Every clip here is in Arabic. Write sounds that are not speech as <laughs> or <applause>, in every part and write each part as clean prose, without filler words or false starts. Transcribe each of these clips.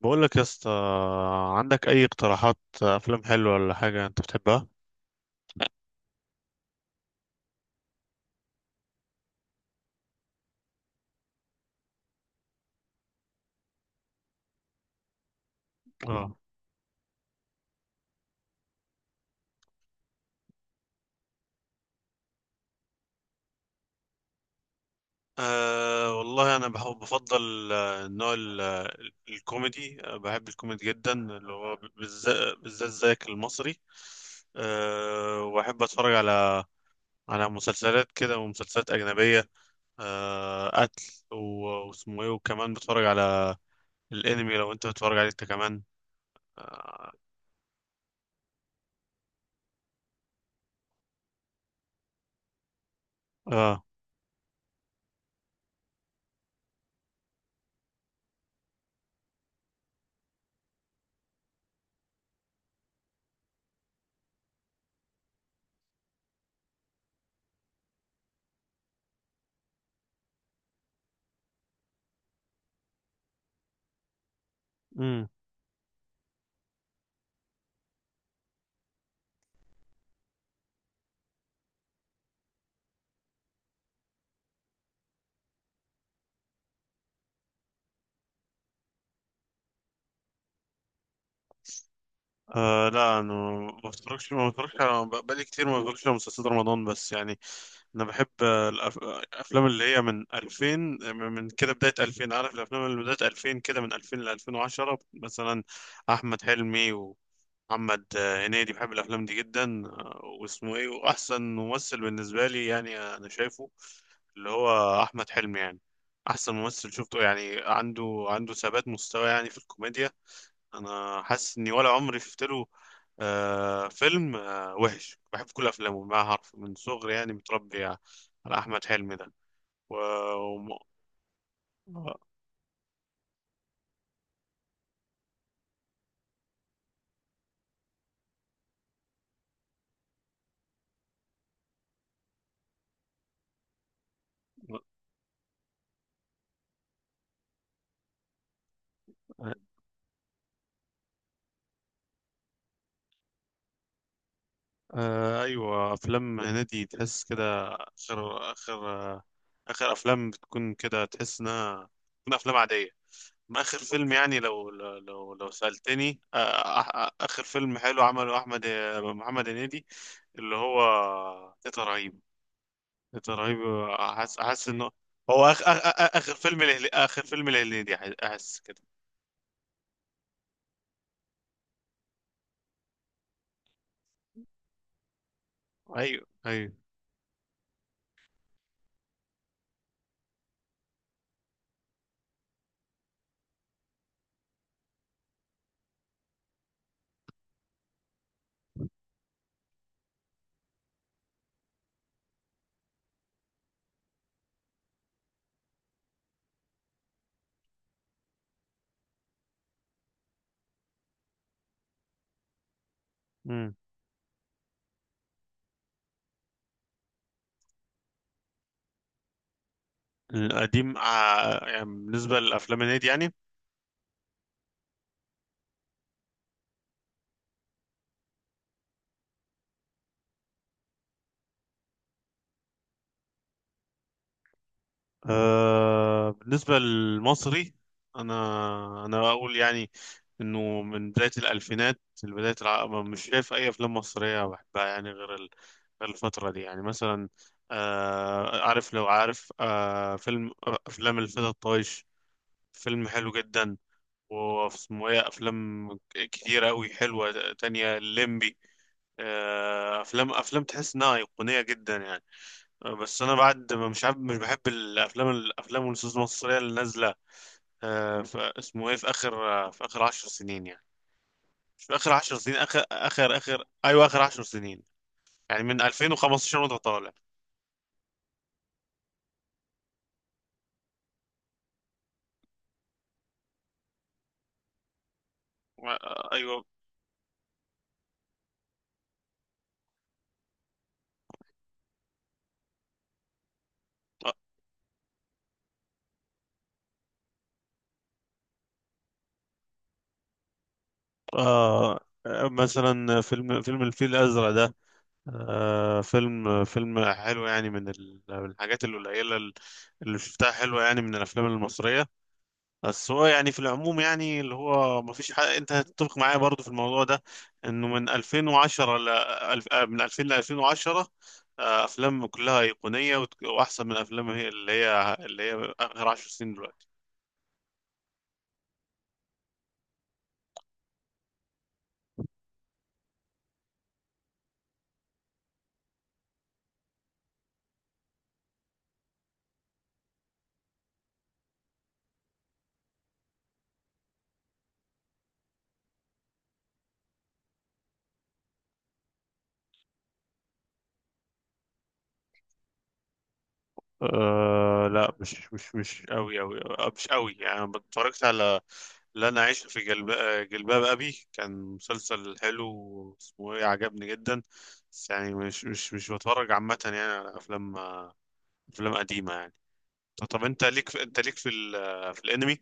بقول لك يا اسطى، عندك اي اقتراحات افلام حلوه ولا حاجه انت بتحبها؟ اه. والله انا بحب بفضل النوع الكوميدي. بحب الكوميدي جدا اللي هو بالذات بالذات زيك المصري. واحب اتفرج على مسلسلات كده ومسلسلات اجنبيه. قتل و- واسمه ايه، وكمان بتفرج على الانمي لو انت بتتفرج عليه انت كمان. اه. آه. لا، انا ما بتفرجش على بقالي كتير ما بتفرجش على مسلسلات رمضان بس يعني. انا بحب الافلام اللي هي من 2000، من كده بداية 2000. عارف الافلام اللي بداية 2000 كده من 2000 ل 2010 مثلا. احمد حلمي ومحمد هنيدي، بحب الافلام دي جدا، واسمه ايه، واحسن ممثل بالنسبة لي يعني انا شايفه اللي هو احمد حلمي، يعني احسن ممثل شفته يعني عنده ثبات مستوى يعني في الكوميديا. انا حاسس اني ولا عمري شفت له فيلم وحش، بحب كل افلامه ما حرف من صغري يعني متربي على احمد حلمي ده و... وم... آه ايوه، افلام هنيدي تحس كده اخر اخر اخر افلام بتكون كده، تحس انها تكون افلام عاديه. ما اخر فيلم يعني لو سالتني، اخر فيلم حلو عمله احمد، محمد هنيدي اللي هو تيتا رهيبه، ده رهيب. احس انه هو اخر فيلم اخر فيلم الهليدي، احس كده. ايوه، ايوه. امم. القديم، يعني بالنسبه للافلام الهندي يعني. بالنسبه للمصري، انا انا اقول يعني انه من بدايه الالفينات لبدايه مش شايف اي افلام مصريه بحبها، يعني غير الفتره دي يعني مثلا. لو عارف فيلم افلام الفتى الطايش، فيلم حلو جدا، واسمه ايه، افلام كتيرة قوي حلوة تانية، الليمبي، افلام تحس انها ايقونية جدا يعني. بس انا، بعد ما، مش عارف، مش بحب الافلام والنصوص المصرية اللي نازلة، اسمه ايه، في اخر، في اخر 10 سنين يعني، مش في اخر 10 سنين، اخر ايوه، اخر 10 سنين، يعني من 2015 وانت طالع. ايوه آه، مثلا فيلم الفيل الازرق ده، فيلم حلو يعني من الحاجات القليلة اللي شفتها حلوة يعني من الأفلام المصرية. بس هو يعني في العموم يعني اللي هو ما فيش حاجة، أنت هتتفق معايا برضو في الموضوع ده، إنه من 2010 ل من 2000 ل 2010، ، أفلام كلها أيقونية وأحسن من أفلام هي آخر 10 سنين دلوقتي. لا، مش قوي قوي. مش قوي يعني، اتفرجت على، لن أعيش في جلباب أبي، كان مسلسل حلو، اسمه إيه، عجبني جدا. بس يعني مش بتفرج عامة يعني على أفلام قديمة يعني. طب، أنت ليك في الأنمي؟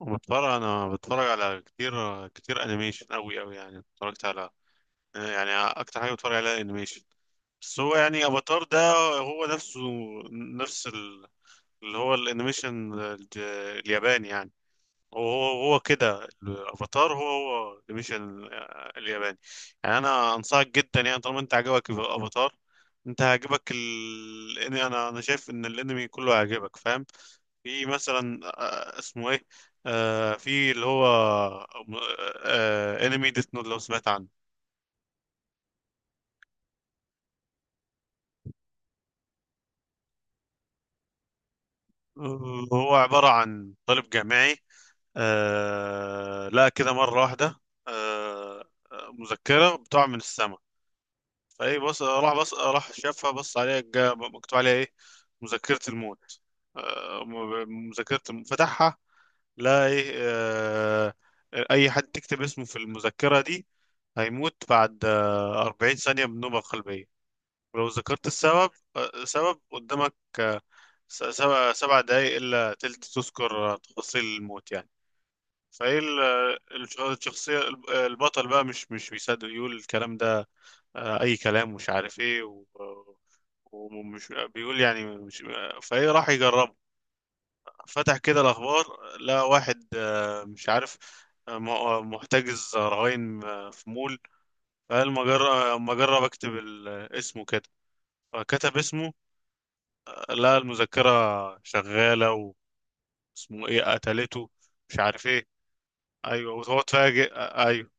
أنا بتفرج على كتير كتير أنيميشن أوي أوي، يعني اتفرجت على، يعني أكتر حاجة بتفرج عليها أنيميشن. بس هو يعني أفاتار ده هو نفسه، نفس ال... اللي هو الأنيميشن الياباني يعني. وهو كده الافاتار هو مش الياباني، يعني انا انصحك جدا، يعني طالما انت عجبك الافاتار انت هيعجبك إن انا شايف ان الانمي كله هيعجبك، فاهم. في مثلا اسمه ايه في اللي هو انمي ديث نوت، لو سمعت عنه. هو عبارة عن طالب جامعي. لا، كده مرة واحدة. آه. مذكرة بتقع من السماء، فايه بص راح شافها، بص عليها، مكتوب عليها ايه، مذكرة الموت. مذكرة فتحها، لا ايه، اي حد تكتب اسمه في المذكرة دي هيموت بعد 40 ثانية من نوبة قلبية، ولو ذكرت السبب، سبب قدامك آه، سبع دقايق إلا تلت، تذكر تفاصيل الموت يعني. فايه الشخصية البطل بقى مش بيصدق، يقول الكلام ده اي كلام، مش عارف ايه، ومش بيقول يعني مش، فايه راح يجرب، فتح كده الاخبار، لقى واحد مش عارف، محتجز رهائن في مول، فقال ما جرب اكتب اسمه كده، فكتب اسمه، لقى المذكرة شغالة، واسمه ايه، قتلته مش عارف ايه. ايوه، وهو اتفاجئ، ايوه.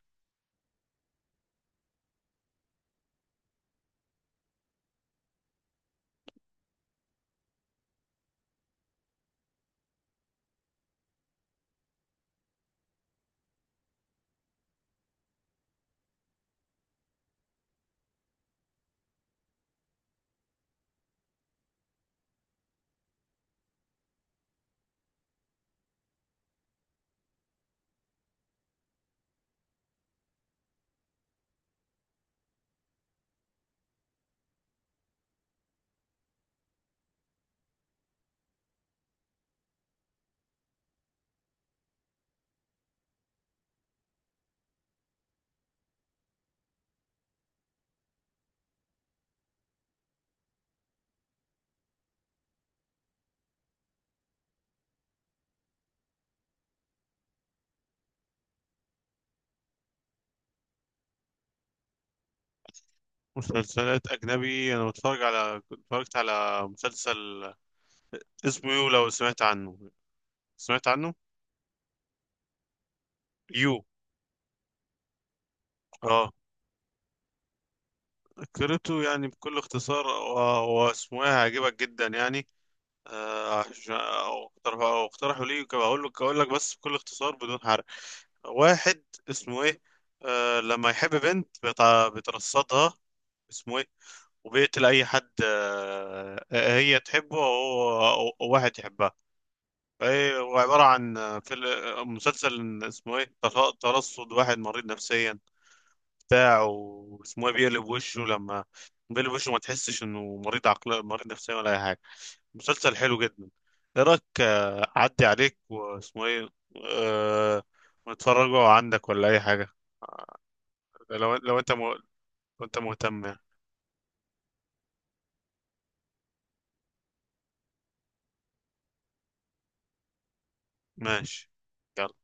<laughs> مسلسلات اجنبي، انا بتفرج على اتفرجت على مسلسل اسمه يو، لو سمعت عنه؟ سمعت عنه. يو. اه، قريته يعني بكل اختصار، واسمه ايه، هيعجبك جدا يعني، عشان أو اقترحوا لي، اقول لك بس بكل اختصار بدون حرق. واحد اسمه ايه، لما يحب بنت بيترصدها، اسمه ايه، وبيقتل اي حد، هي تحبه أو واحد يحبها. هو عبارة عن مسلسل، اسمه ايه، ترصد واحد مريض نفسيا، بتاع، واسمه ايه، بيقلب وشه، لما بيقلب وشه ما تحسش انه مريض عقل، مريض نفسيا ولا اي حاجه. مسلسل حلو جدا. ايه رايك، اعدي عليك، واسمه ايه، أه... ونتفرجوا عندك ولا اي حاجه، لو انت مهتم يعني. ماشي، يلا.